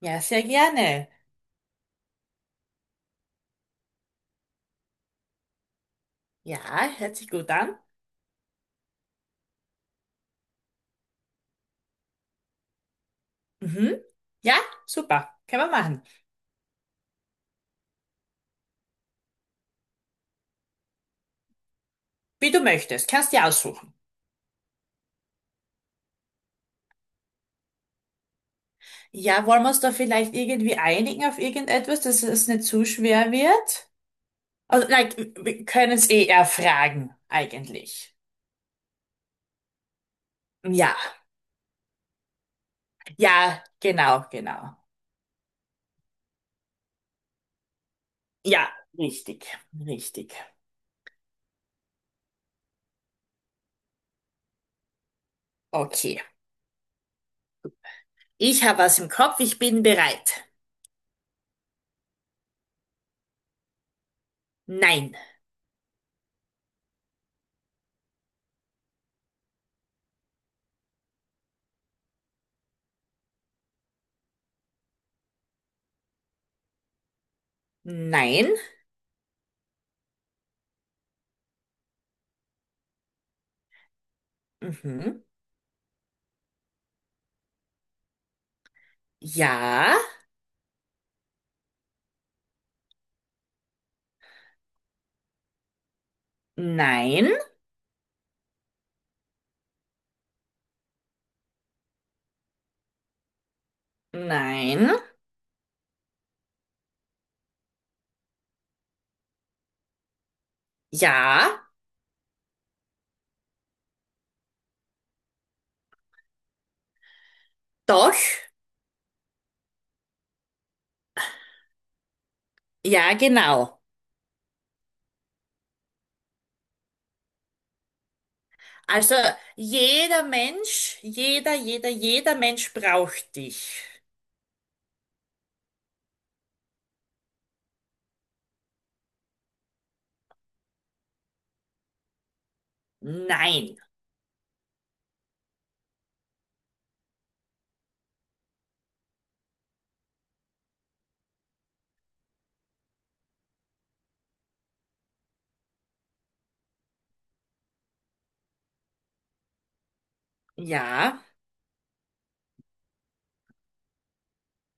Ja, sehr gerne. Ja, hört sich gut an. Mhm. Ja, super. Können wir machen. Wie du möchtest. Kannst dir aussuchen. Ja, wollen wir uns da vielleicht irgendwie einigen auf irgendetwas, dass es nicht zu schwer wird? Also, like, wir können es eh erfragen, eigentlich. Ja, ja, genau, genau. Ja, richtig, richtig. Okay. Ich habe was im Kopf. Ich bin bereit. Nein. Nein. Mhm. Ja. Nein. Nein. Ja, doch, ja, genau. Also jeder Mensch, jeder Mensch braucht dich. Nein, ja,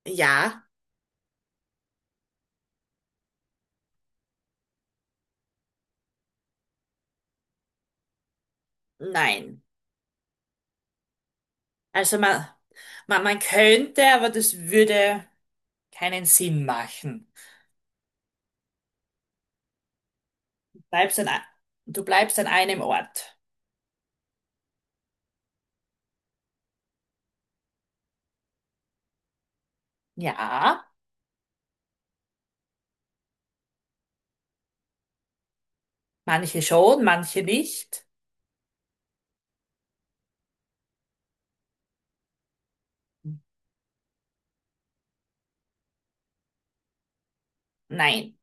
ja, nein. Also man könnte, aber das würde keinen Sinn machen. Du bleibst an, du bleibst an einem Ort. Ja, manche schon, manche nicht. Nein,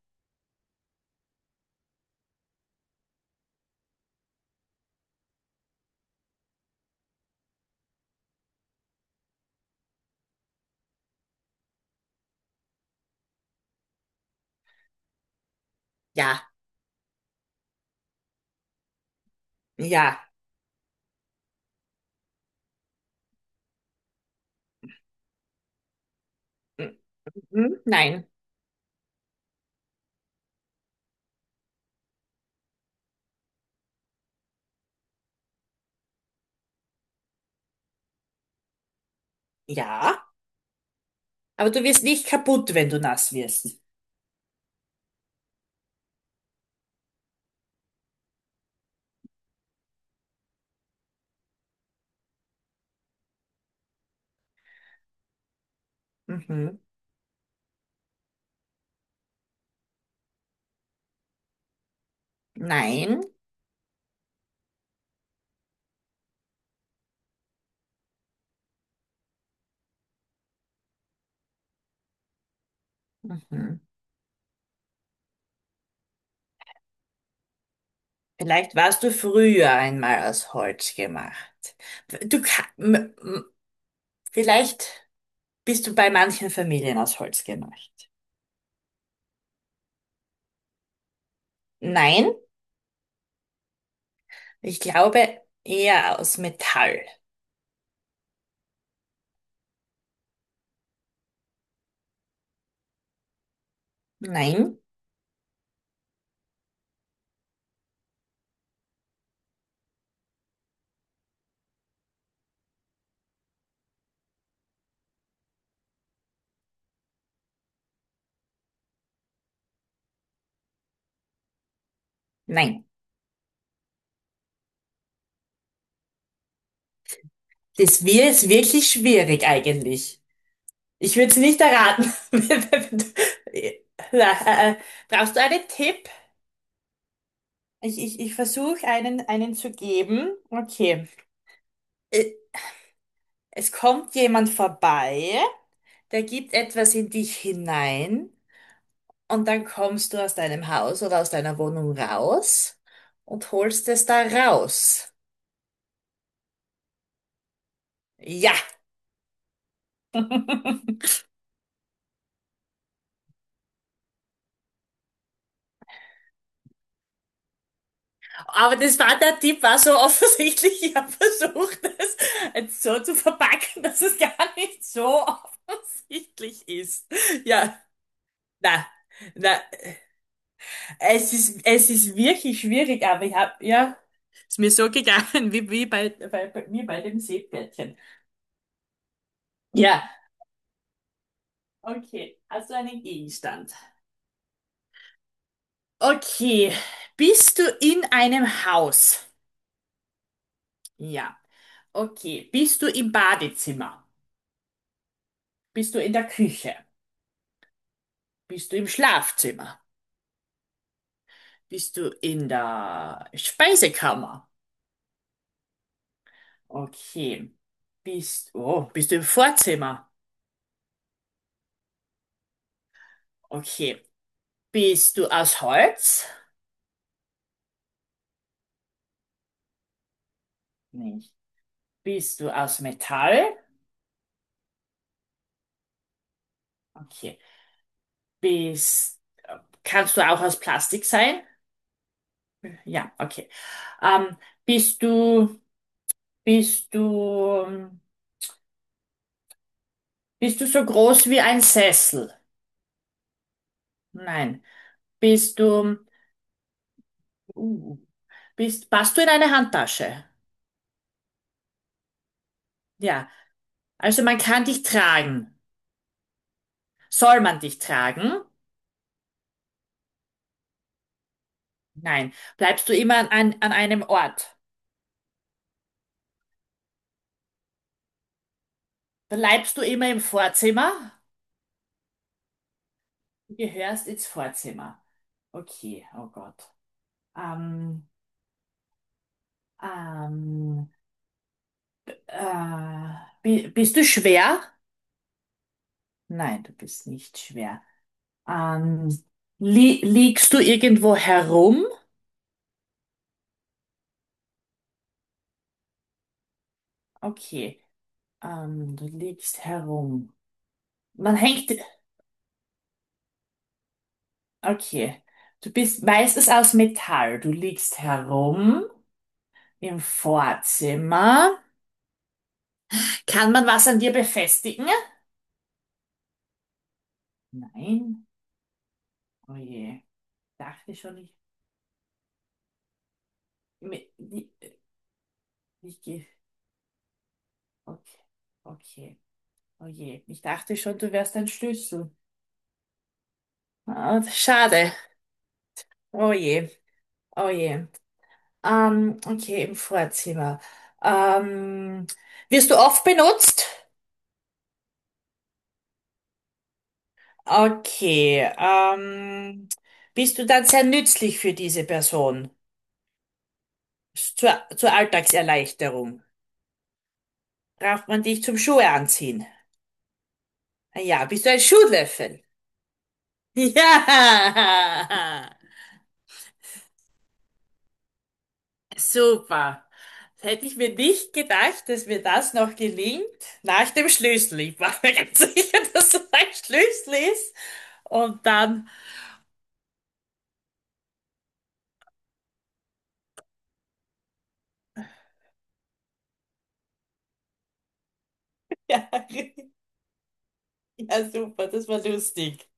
ja, ja, mhm. Mhm, nein, ja. Aber du wirst nicht kaputt, wenn du nass wirst. Mhm. Nein. Mhm. Vielleicht warst du früher einmal aus Holz gemacht. Du ka- m- m- Vielleicht bist du bei manchen Familien aus Holz gemacht. Nein, ich glaube eher aus Metall. Nein, nein. Das wäre es wirklich schwierig eigentlich. Ich würde es nicht erraten. Na, brauchst du einen Tipp? Ich versuche einen zu geben. Okay. Äh, Es kommt jemand vorbei. Der gibt etwas in dich hinein und dann kommst du aus deinem Haus oder aus deiner Wohnung raus und holst es da raus. Ja. Aber das war der Tipp, war so offensichtlich. Ich habe versucht, das jetzt so zu verpacken, dass es gar nicht so offensichtlich ist. Ja, na, na, es ist wirklich schwierig, aber ich habe, ja, ist mir so gegangen, wie, wie bei, bei, bei mir bei dem Seepferdchen. Ja. Okay, also einen Gegenstand. Okay, bist du in einem Haus? Ja. Okay, bist du im Badezimmer? Bist du in der Küche? Bist du im Schlafzimmer? Bist du in der Speisekammer? Okay. Oh, bist du im Vorzimmer? Okay. Bist du aus Holz? Nicht. Bist du aus Metall? Okay. Bist, kannst du auch aus Plastik sein? Ja, okay. Ähm, bist du, bist du, bist du so groß wie ein Sessel? Nein. Bist du, uh, passt du in eine Handtasche? Ja. Also man kann dich tragen. Soll man dich tragen? Nein. Bleibst du immer an einem Ort? Bleibst du immer im Vorzimmer? Du gehörst ins Vorzimmer. Okay, oh Gott. Ähm, ähm, äh, bist du schwer? Nein, du bist nicht schwer. Ähm, li liegst du irgendwo herum? Okay. Du liegst herum. Man hängt. Okay. Du bist meistens aus Metall. Du liegst herum im Vorzimmer. Kann man was an dir befestigen? Nein. Oh je. Dachte schon, ich. mi- die- Ich gehe. Okay. Okay. Oh je. Ich dachte schon, du wärst ein Schlüssel. Ah, schade. Oh je. Oh je. Okay, im Vorzimmer. Ähm, wirst du oft benutzt? Okay. Bist du dann sehr nützlich für diese Person? Zur Alltagserleichterung. Braucht man dich zum Schuhe anziehen? Ah ja, bist du ein Schuhlöffel? Ja, super. Das hätte ich mir nicht gedacht, dass mir das noch gelingt. Nach dem Schlüssel. Ich war mir ganz sicher, dass es ein Schlüssel ist. Und dann. Ja, ja, super, das war lustig.